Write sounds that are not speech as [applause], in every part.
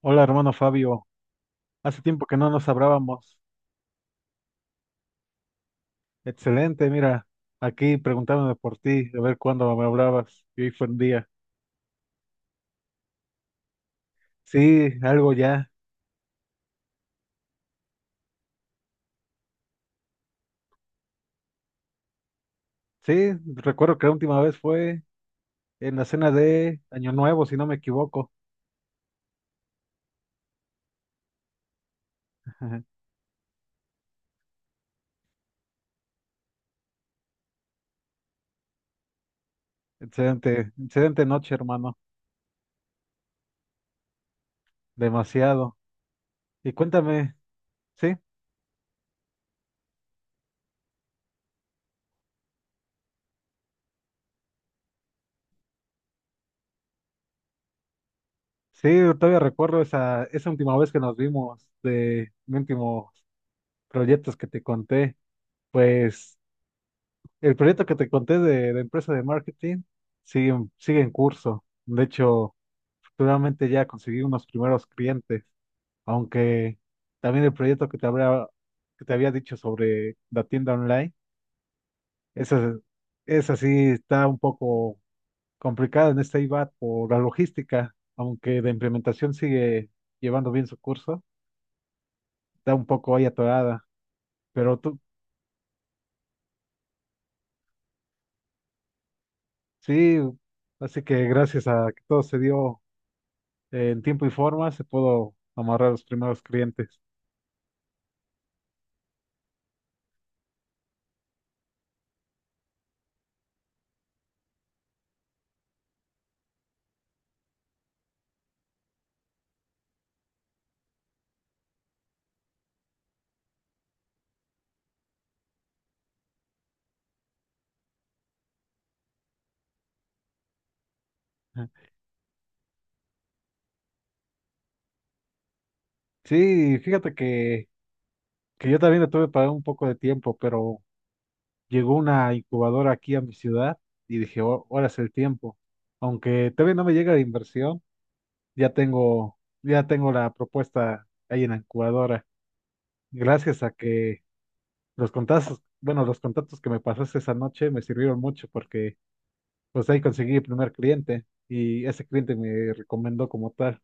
Hola, hermano Fabio. Hace tiempo que no nos hablábamos. Excelente, mira, aquí preguntándome por ti, a ver cuándo me hablabas. Y hoy fue un día. Sí, algo ya. Sí, recuerdo que la última vez fue en la cena de Año Nuevo, si no me equivoco. [laughs] Excelente, excelente noche, hermano. Demasiado. Y cuéntame, sí, sí, todavía recuerdo esa última vez que nos vimos de mis últimos proyectos que te conté. Pues. El proyecto que te conté de empresa de marketing sigue, sigue en curso. De hecho, futuramente ya conseguí unos primeros clientes, aunque también el proyecto que te habría, que te había dicho sobre la tienda online, esa, esa sí está un poco complicada en este IVAT por la logística, aunque la implementación sigue llevando bien su curso, está un poco ahí atorada, pero tú sí, así que gracias a que todo se dio en tiempo y forma se puedo amarrar a los primeros clientes. Ajá. Sí, fíjate que yo también le tuve para un poco de tiempo, pero llegó una incubadora aquí a mi ciudad y dije, "Oh, ahora es el tiempo. Aunque todavía no me llega la inversión, ya tengo la propuesta ahí en la incubadora. Gracias a que los contactos, bueno, los contactos que me pasaste esa noche me sirvieron mucho porque pues ahí conseguí el primer cliente y ese cliente me recomendó como tal.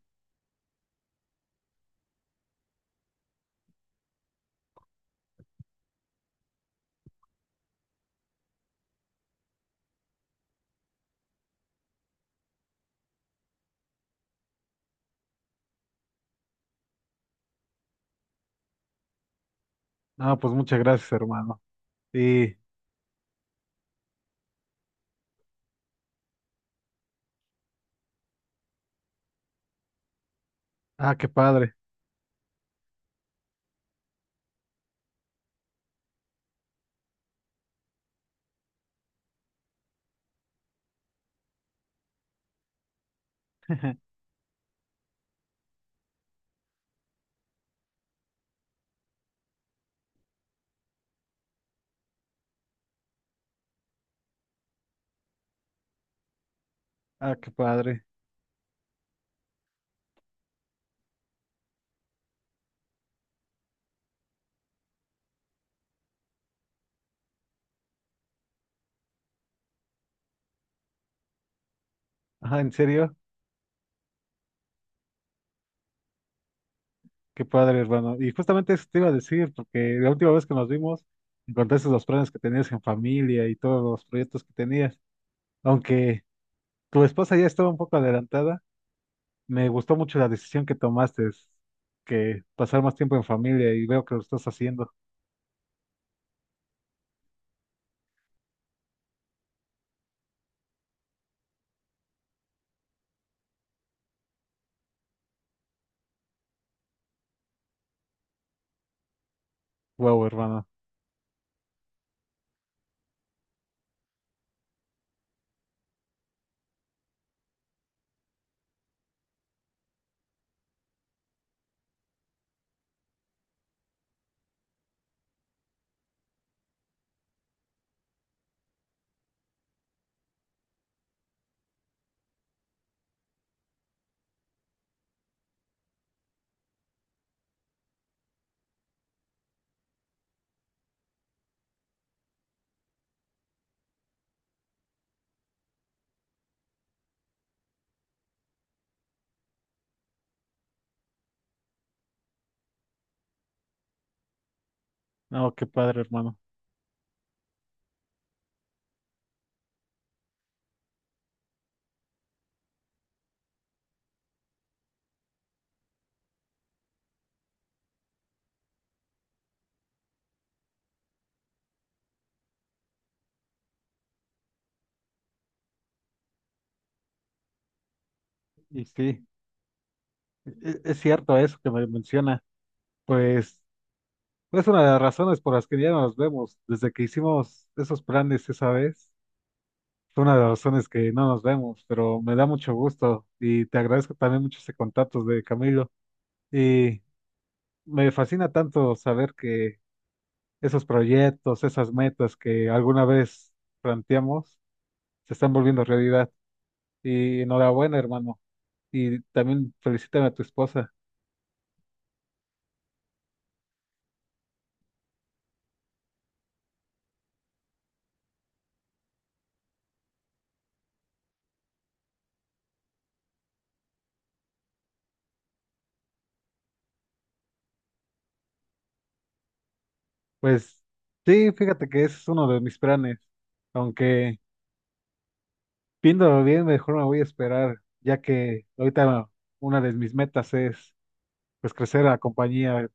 Ah, pues muchas gracias, hermano. Sí. Ah, qué padre. [laughs] Ah, qué padre. Ah, ¿en serio? Qué padre, hermano. Y justamente eso te iba a decir, porque la última vez que nos vimos, me contaste los planes que tenías en familia y todos los proyectos que tenías. Aunque tu esposa ya estaba un poco adelantada, me gustó mucho la decisión que tomaste, es que pasar más tiempo en familia y veo que lo estás haciendo. Wow, hermano. No, qué padre, hermano. Y sí, es cierto eso que me menciona. Pues. Es una de las razones por las que ya no nos vemos. Desde que hicimos esos planes esa vez, fue una de las razones que no nos vemos, pero me da mucho gusto y te agradezco también mucho ese contacto de Camilo. Y me fascina tanto saber que esos proyectos, esas metas que alguna vez planteamos, se están volviendo realidad. Y enhorabuena, hermano. Y también felicítame a tu esposa. Pues sí, fíjate que ese es uno de mis planes, aunque... Viéndolo bien, mejor me voy a esperar, ya que ahorita una de mis metas es pues crecer la compañía.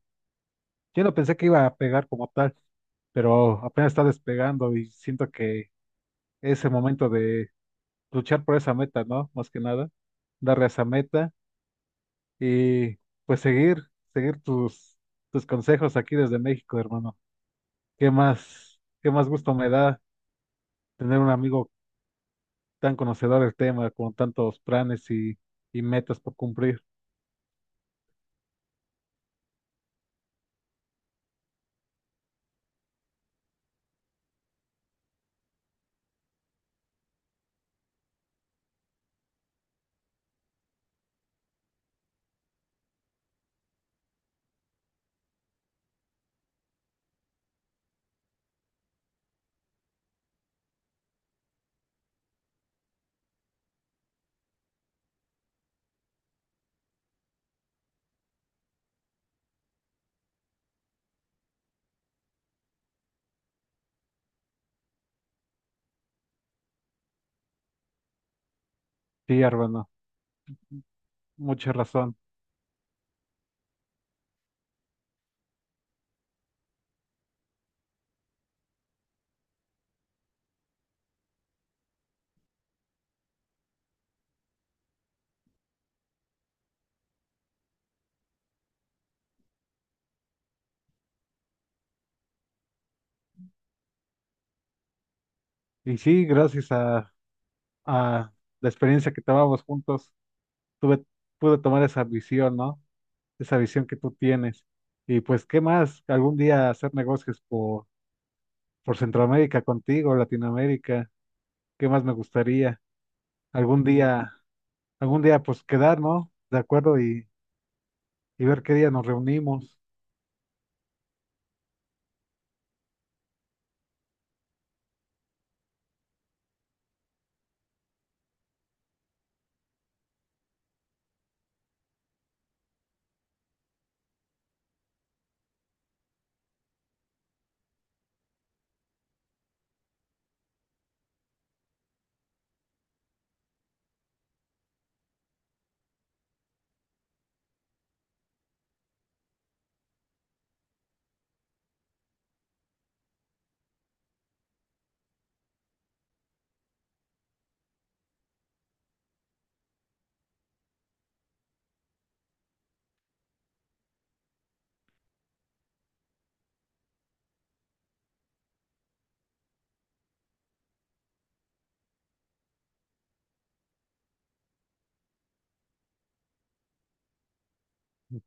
Yo no pensé que iba a pegar como tal, pero apenas está despegando y siento que es el momento de luchar por esa meta, ¿no? Más que nada, darle a esa meta y pues seguir, seguir tus, tus consejos aquí desde México, hermano. Qué más gusto me da tener un amigo tan conocedor del tema, con tantos planes y metas por cumplir? Sí, hermano. Mucha razón. Y sí, gracias a la experiencia que tomamos juntos, tuve, pude tomar esa visión, ¿no? Esa visión que tú tienes. Y pues, ¿qué más? Algún día hacer negocios por Centroamérica contigo, Latinoamérica. ¿Qué más me gustaría? Algún día, algún día, pues quedar, ¿no? De acuerdo y ver qué día nos reunimos.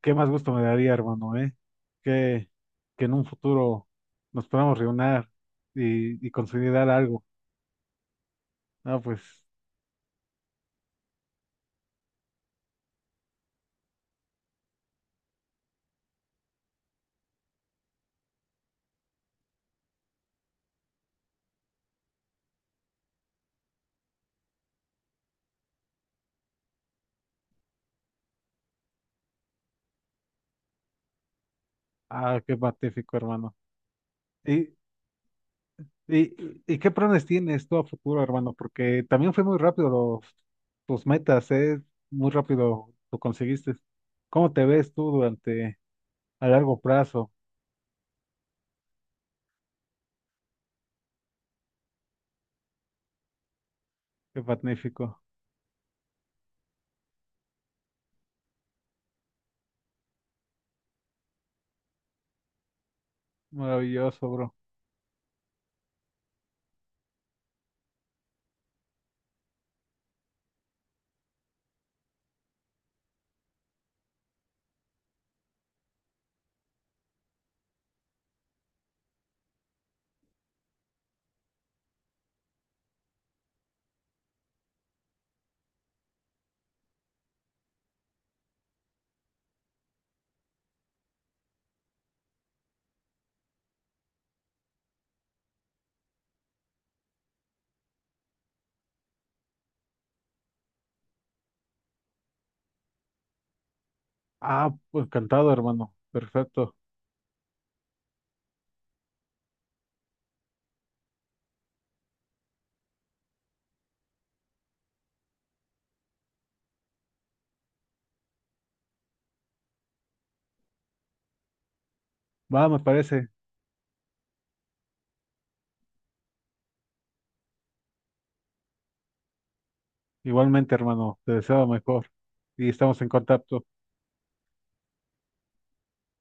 ¿Qué más gusto me daría, hermano, eh? Que, que en un futuro nos podamos reunir y consolidar algo. No, pues. Ah, qué magnífico, hermano. ¿Y, y qué planes tienes tú a futuro, hermano? Porque también fue muy rápido los, tus metas, ¿eh? Muy rápido lo conseguiste. ¿Cómo te ves tú durante a largo plazo? Qué magnífico. Maravilloso, bro. Ah, pues, encantado, hermano. Perfecto. Va, me parece. Igualmente, hermano. Te deseo lo mejor. Y estamos en contacto.